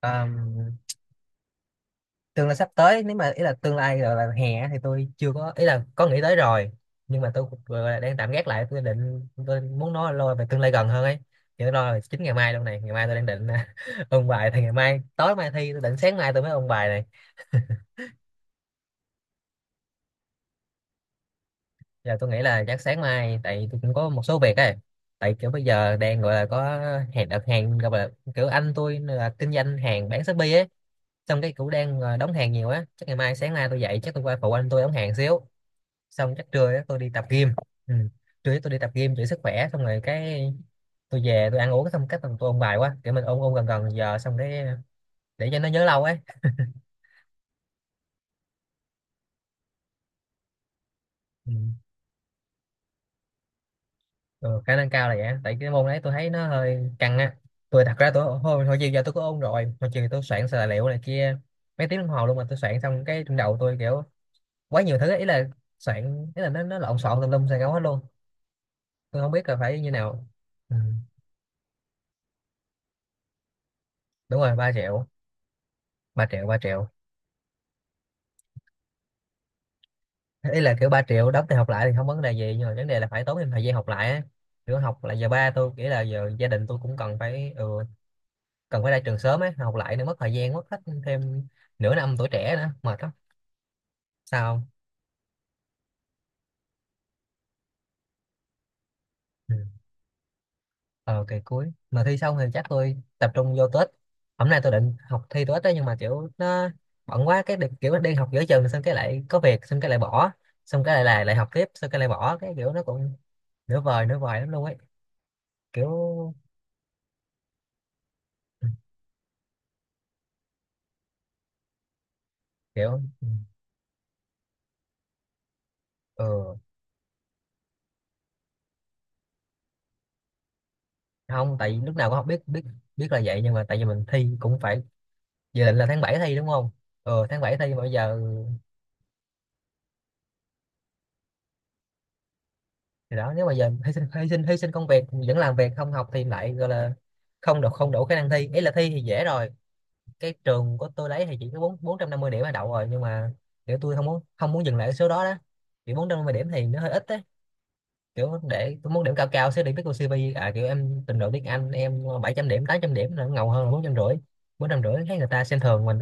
Ờ, tương lai sắp tới nếu mà ý là tương lai là hè á thì tôi chưa có ý là có nghĩ tới rồi. Nhưng mà tôi vừa là đang tạm gác lại, tôi định tôi muốn nói lo về tương lai gần hơn ấy. Thì tôi lo là chính ngày mai luôn này, ngày mai tôi đang định ôn bài. Thì ngày mai, tối mai thi, tôi định sáng mai tôi mới ôn bài này. Giờ tôi nghĩ là chắc sáng mai, tại tôi cũng có một số việc ấy. Tại kiểu bây giờ đang gọi là có hàng, đặt hàng, gọi là kiểu anh tôi là kinh doanh hàng bán Shopee ấy. Xong cái cũng đang đóng hàng nhiều á, chắc ngày mai sáng nay tôi dậy chắc tôi qua phụ anh tôi đóng hàng xíu. Xong chắc trưa á, tôi đi tập gym. Ừ. Trưa á tôi đi tập gym giữ sức khỏe, xong rồi cái tôi về tôi ăn uống xong cách tôi ôn bài quá, kiểu mình ôn ôn gần gần giờ xong cái để cho nó nhớ lâu ấy. Ừ. Ừ, khả năng cao là vậy á. Tại cái môn đấy tôi thấy nó hơi căng á. Tôi thật ra tôi hồi chiều giờ tôi có ôn rồi, hồi chiều tôi soạn tài liệu này kia mấy tiếng đồng hồ luôn, mà tôi soạn xong cái trong đầu tôi kiểu quá nhiều thứ ấy. Ý là soạn, ý là nó lộn xộn tùm lum xài ngấu hết luôn. Tôi không biết là phải như nào. Ừ. Đúng rồi, 3 triệu, 3 triệu, 3 triệu Ý là kiểu 3 triệu đóng thì học lại thì không vấn đề gì nhưng mà vấn đề là phải tốn thêm thời gian học lại á. Kiểu học là giờ ba tôi nghĩ là giờ gia đình tôi cũng cần phải, cần phải ra trường sớm ấy, học lại nữa mất thời gian, mất hết thêm nửa năm tuổi trẻ nữa mệt lắm. Sao không? Ừ. ờ Kỳ cuối mà thi xong thì chắc tôi tập trung vô tết. Hôm nay tôi định học thi tết đó nhưng mà kiểu nó bận quá, cái kiểu đi học giữa chừng xong cái lại có việc xong cái lại bỏ, xong cái lại lại lại học tiếp xong cái lại bỏ, cái kiểu nó cũng nửa vời lắm luôn ấy. Kiểu kiểu Ừ. Ừ. Không, tại vì lúc nào cũng không biết biết biết là vậy nhưng mà tại vì mình thi cũng phải dự định là tháng 7 thi đúng không. Ừ, tháng 7 thi mà bây giờ. Thì đó nếu mà giờ hy sinh công việc vẫn làm việc không học thì lại gọi là không đủ khả năng thi. Ý là thi thì dễ rồi, cái trường của tôi lấy thì chỉ có bốn 450 điểm là đậu rồi nhưng mà kiểu tôi không muốn dừng lại ở số đó đó. Kiểu 450 điểm thì nó hơi ít đấy. Kiểu để tôi muốn điểm cao cao sẽ đi viết biết cô CV à, kiểu em trình độ tiếng Anh em 700 điểm, 800 điểm là nó ngầu hơn là 450. Bốn trăm rưỡi thấy người ta xem thường mình,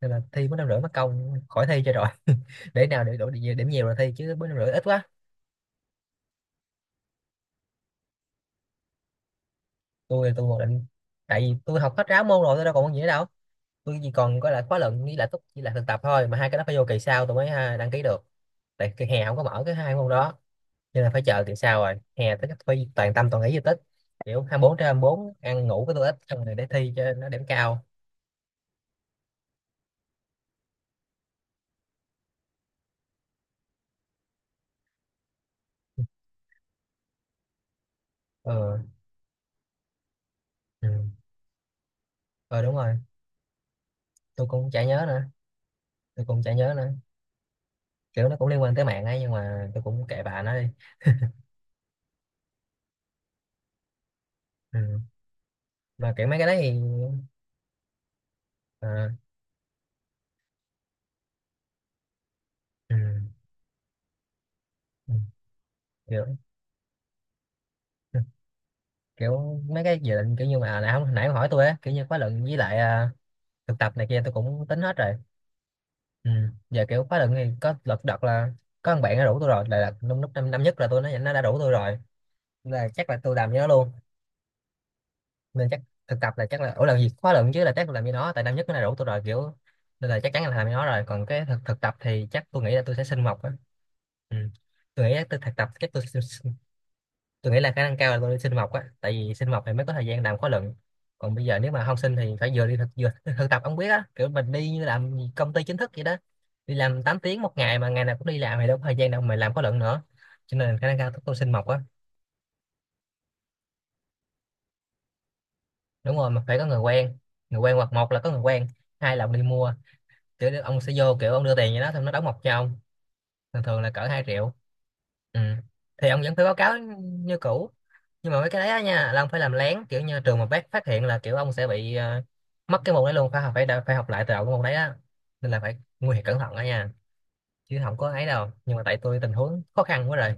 nên là thi 450 mất công khỏi thi cho rồi. Để nào để đổi điểm, điểm nhiều rồi thi chứ 450 ít quá. Tôi còn định, tại vì tôi học hết ráo môn rồi, tôi đâu còn môn gì nữa đâu. Tôi chỉ còn có là khóa luận với lại túc với lại thực tập thôi, mà hai cái đó phải vô kỳ sau tôi mới ha, đăng ký được. Tại kỳ hè không có mở cái hai môn đó nên là phải chờ kỳ sau rồi hè tới phải toàn tâm toàn ý di tích, kiểu 24/24 ăn ngủ với tôi ít, xong rồi để thi cho nó điểm cao. Ờ. Ừ. Ờ, đúng rồi. Tôi cũng chả nhớ nữa. Tôi cũng chả nhớ nữa. Kiểu nó cũng liên quan tới mạng ấy nhưng mà tôi cũng kệ bà nó đi. Ừ. Và kiểu mấy cái đấy thì à, ừ, ừ, kiểu ừ, kiểu mấy cái dự định kiểu như mà nãy nãy ông hỏi tôi á, kiểu như khóa luận với lại thực tập này kia tôi cũng tính hết rồi. Ừ. Giờ kiểu khóa luận thì có lật đật là có thằng bạn nó rủ tôi rồi là lúc lúc năm nhất là tôi nó đã rủ tôi rồi, là chắc là tôi làm với nó luôn. Nên chắc thực tập là chắc là ủa là gì khóa luận chứ, là chắc là làm với nó tại năm nhất nó đã rủ tôi rồi kiểu, nên là chắc chắn là làm với nó rồi. Còn cái thực tập thì chắc tôi nghĩ là tôi sẽ xin mộc á. Ừ. Tôi nghĩ là tôi thực tập chắc tôi. Tôi nghĩ là khả năng cao là tôi đi sinh mộc á, tại vì sinh mộc thì mới có thời gian làm khóa luận. Còn bây giờ nếu mà không sinh thì phải vừa đi thực vừa thực tập, ông biết á kiểu mình đi như làm công ty chính thức vậy đó, đi làm 8 tiếng một ngày mà ngày nào cũng đi làm thì đâu có thời gian đâu mà làm khóa luận nữa. Cho nên khả năng cao tôi sinh mộc á. Đúng rồi, mà phải có người quen. Người quen, hoặc một là có người quen, hai là ông đi mua, kiểu ông sẽ vô kiểu ông đưa tiền cho nó xong nó đóng mộc cho ông. Thường thường là cỡ 2 triệu. Ừ. Thì ông vẫn phải báo cáo như cũ, nhưng mà mấy cái đấy á nha là ông phải làm lén, kiểu như trường mà bác phát hiện là kiểu ông sẽ bị mất cái môn đấy luôn, phải học phải phải học lại từ đầu cái môn đấy á, nên là phải nguy hiểm cẩn thận đó nha, chứ không có ấy đâu. Nhưng mà tại tôi tình huống khó khăn quá rồi.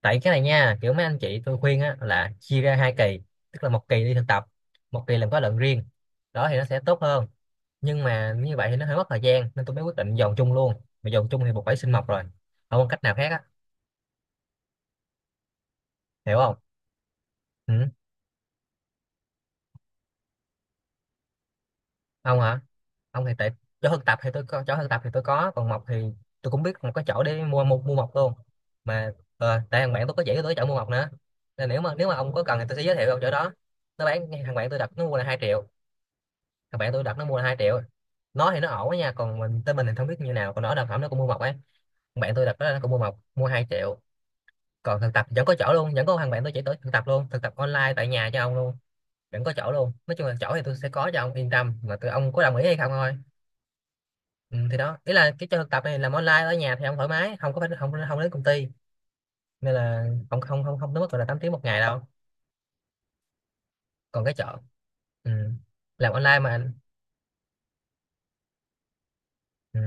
Tại cái này nha, kiểu mấy anh chị tôi khuyên á là chia ra hai kỳ, tức là một kỳ đi thực tập, một kỳ làm khóa luận riêng, đó thì nó sẽ tốt hơn. Nhưng mà như vậy thì nó hơi mất thời gian nên tôi mới quyết định dồn chung luôn, mà dồn chung thì buộc phải xin mộc rồi, không có cách nào khác á. Hiểu không? Ừ. Ông hả? Ông thì tại chỗ thực tập thì tôi có, chỗ thực tập thì tôi có, còn mộc thì tôi cũng biết một cái chỗ để mua mua, mua mộc luôn. Mà tại thằng bạn tôi có chỉ cho tôi cái chỗ mua mộc nữa, nên nếu mà ông có cần thì tôi sẽ giới thiệu ông chỗ đó. Nó bán, thằng bạn tôi đặt nó mua là 2 triệu. Thằng bạn tôi đặt nó mua là hai triệu. Nó thì nó ổn đó nha, còn mình tên mình thì không biết như nào, còn nó đặt phẩm nó cũng mua mộc ấy. Thằng bạn tôi đặt đó nó cũng mua mộc, mua 2 triệu. Còn thực tập vẫn có chỗ luôn, vẫn có thằng bạn tôi chỉ tới thực tập luôn, thực tập online tại nhà cho ông luôn, vẫn có chỗ luôn. Nói chung là chỗ thì tôi sẽ có cho ông yên tâm, mà tôi ông có đồng ý hay không thôi. Ừ, thì đó ý là cái cho thực tập này làm online ở nhà thì ông thoải mái, không có phải không không đến công ty nên là không không không không tới mức gọi là 8 tiếng một ngày đâu. Còn cái chọn. Ừ. Làm online mà anh. Ừ.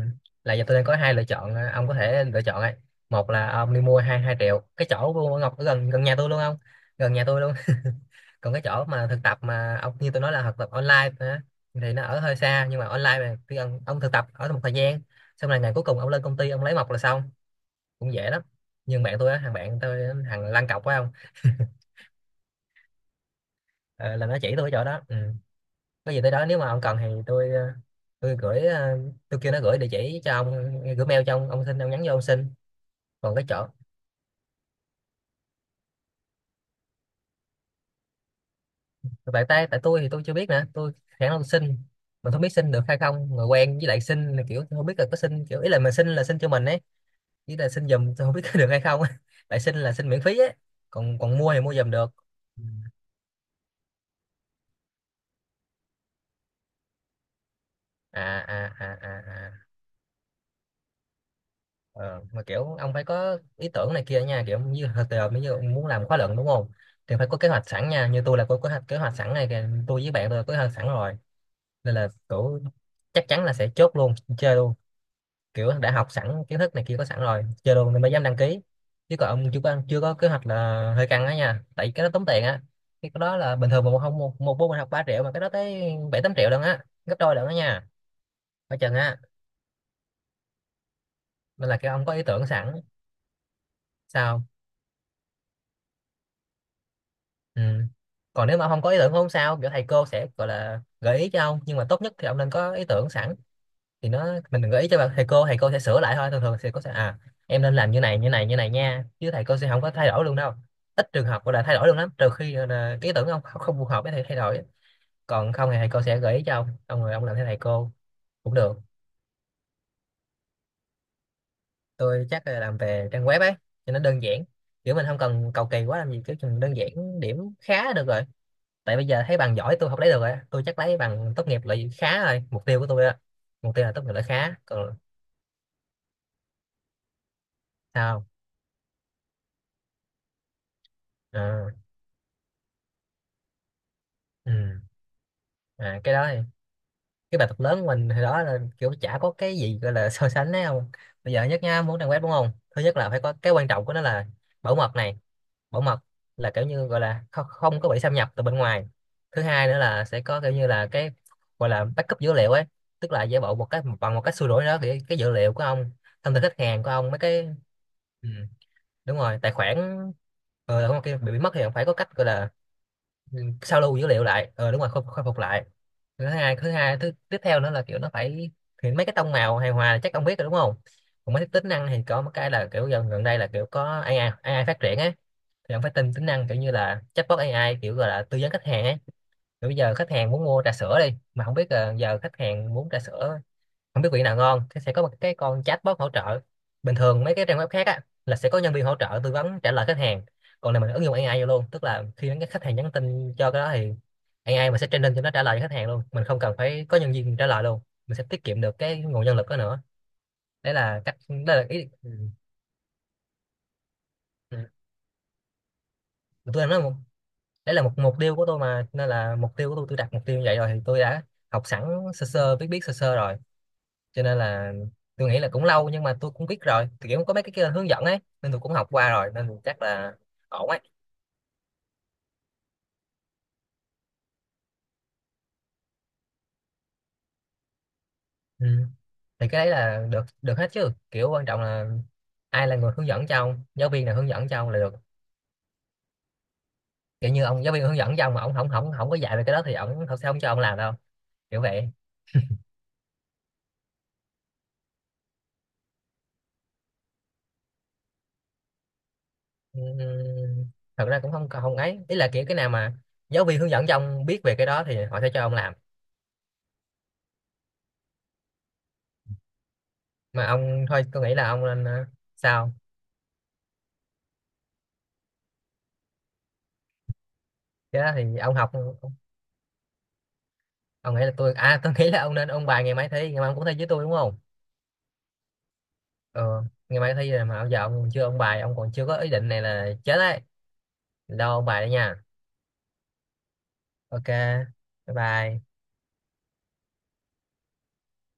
Là giờ tôi đang có hai lựa chọn à, ông có thể lựa chọn ấy. Một là à, ông đi mua hai hai triệu cái chỗ của Ngọc ở gần gần nhà tôi luôn không, gần nhà tôi luôn. Còn cái chỗ mà thực tập mà ông như tôi nói là thực tập online á, thì nó ở hơi xa nhưng mà online mà khi ông thực tập ở một thời gian xong là ngày cuối cùng ông lên công ty ông lấy mộc là xong, cũng dễ lắm. Nhưng bạn tôi á, thằng bạn tôi á, thằng lăn cọc phải không. Ờ, là nó chỉ tôi cái chỗ đó. Ừ. Có gì tới đó nếu mà ông cần thì tôi gửi ờ, tôi kêu nó gửi địa chỉ cho ông, gửi mail cho ông xin, ông nhắn vô ông xin. Còn cái chỗ, tại tôi thì tôi chưa biết nữa, tôi khả năng xin mà không biết xin được hay không, người quen với lại xin là kiểu tôi không biết là có xin, kiểu ý là mình xin là xin cho mình ấy, ý là xin giùm tôi không biết có được hay không á. Tại xin là xin miễn phí ấy, còn còn mua thì mua giùm được. Ừ. À à à à à. Ờ, mà kiểu ông phải có ý tưởng này kia nha, kiểu như hồi giờ bây giờ ông muốn làm khóa luận đúng không, thì phải có kế hoạch sẵn nha. Như tôi là có kế hoạch sẵn này kìa, tôi với bạn tôi có kế hoạch sẵn rồi, nên là kiểu chắc chắn là sẽ chốt luôn chơi luôn, kiểu đã học sẵn kiến thức này kia có sẵn rồi chơi luôn nên mới dám đăng ký. Chứ còn ông chưa có kế hoạch là hơi căng á nha, tại vì cái đó tốn tiền á. Cái đó là bình thường mà một không một một môn mình học 3 triệu mà cái đó tới bảy tám triệu lần á, gấp đôi lần đó nha, phải chừng á. Nên là cái ông có ý tưởng sẵn. Sao. Ừ. Còn nếu mà ông không có ý tưởng không sao, kiểu thầy cô sẽ gọi là gợi ý cho ông, nhưng mà tốt nhất thì ông nên có ý tưởng sẵn thì nó, mình đừng gợi ý cho thầy cô, thầy cô sẽ sửa lại thôi. Thường thường thầy cô sẽ à, em nên làm như này như này như này nha, chứ thầy cô sẽ không có thay đổi luôn đâu, ít trường hợp gọi là thay đổi luôn lắm, trừ khi gọi là ý tưởng ông không phù hợp với thầy thay đổi. Còn không thì thầy cô sẽ gợi ý cho ông, rồi ông làm theo thầy cô cũng được. Tôi chắc là làm về trang web ấy cho nó đơn giản, kiểu mình không cần cầu kỳ quá làm gì, kiểu chừng đơn giản điểm khá là được rồi. Tại bây giờ thấy bằng giỏi tôi không lấy được rồi á. Tôi chắc lấy bằng tốt nghiệp loại khá thôi, mục tiêu của tôi á, mục tiêu là tốt nghiệp loại khá còn. Sao không? À, ừ. À, cái đó thì, cái bài tập lớn của mình hồi đó là kiểu chả có cái gì gọi là so sánh đấy không. Bây giờ nhất nha, muốn trang web đúng không, thứ nhất là phải có cái quan trọng của nó là bảo mật này, bảo mật, là kiểu như gọi là không có bị xâm nhập từ bên ngoài. Thứ hai nữa là sẽ có kiểu như là cái gọi là backup dữ liệu ấy, tức là giả bộ một cái bằng một cách xua đuổi đó thì cái dữ liệu của ông, thông tin khách hàng của ông mấy cái. Ừ, đúng rồi, tài khoản. Ờ ừ, không kia bị mất thì ông phải có cách gọi là, ừ, sao lưu dữ liệu lại, ờ đúng rồi, khôi phục lại. Thứ tiếp theo nữa là kiểu nó phải, thì mấy cái tông màu hài hòa là chắc ông biết rồi đúng không. Còn mấy cái tính năng thì có một cái là kiểu gần gần đây là kiểu có AI AI phát triển á, thì ông phải tin tính năng kiểu như là chatbot AI kiểu gọi là tư vấn khách hàng ấy. Kiểu bây giờ khách hàng muốn mua trà sữa đi mà không biết là giờ khách hàng muốn trà sữa, không biết vị nào ngon thì sẽ có một cái con chatbot hỗ trợ. Bình thường mấy cái trang web khác á là sẽ có nhân viên hỗ trợ tư vấn trả lời khách hàng, còn này mình ứng dụng AI vô luôn, tức là khi cái khách hàng nhắn tin cho cái đó thì AI mình sẽ training cho nó trả lời cho khách hàng luôn, mình không cần phải có nhân viên trả lời luôn, mình sẽ tiết kiệm được cái nguồn nhân lực đó nữa. Đấy là cách, đó là ý. Ừ. Ừ. tôi đang nói một- Đấy là một mục tiêu của tôi mà, nên là mục tiêu của tôi đặt mục tiêu như vậy rồi thì tôi đã học sẵn, sơ sơ biết biết sơ sơ rồi, cho nên là tôi nghĩ là cũng lâu nhưng mà tôi cũng biết rồi, thì kiểu có mấy cái kia hướng dẫn ấy nên tôi cũng học qua rồi nên tôi chắc là ổn ấy. Ừ. Thì cái đấy là được được hết chứ, kiểu quan trọng là ai là người hướng dẫn cho ông, giáo viên nào hướng dẫn cho ông là được, kiểu như ông giáo viên hướng dẫn cho ông mà ông không không không có dạy về cái đó thì ông thật sao ông cho ông làm đâu, kiểu vậy. Ừm, thật ra cũng không không ấy, ý là kiểu cái nào mà giáo viên hướng dẫn cho ông biết về cái đó thì họ sẽ cho ông làm. Mà ông thôi tôi nghĩ là ông nên ờ, sao, cái đó thì ông học. Ông nghĩ là tôi à, tôi nghĩ là ông nên ôn bài, ngày mai thi, ngày mai ông cũng thi với tôi đúng không. Ờ, ngày mai thi rồi mà bây giờ ông còn chưa ôn bài, ông còn chưa có ý định này là chết đấy. Đâu, ôn bài đây nha. Ok, bye bye.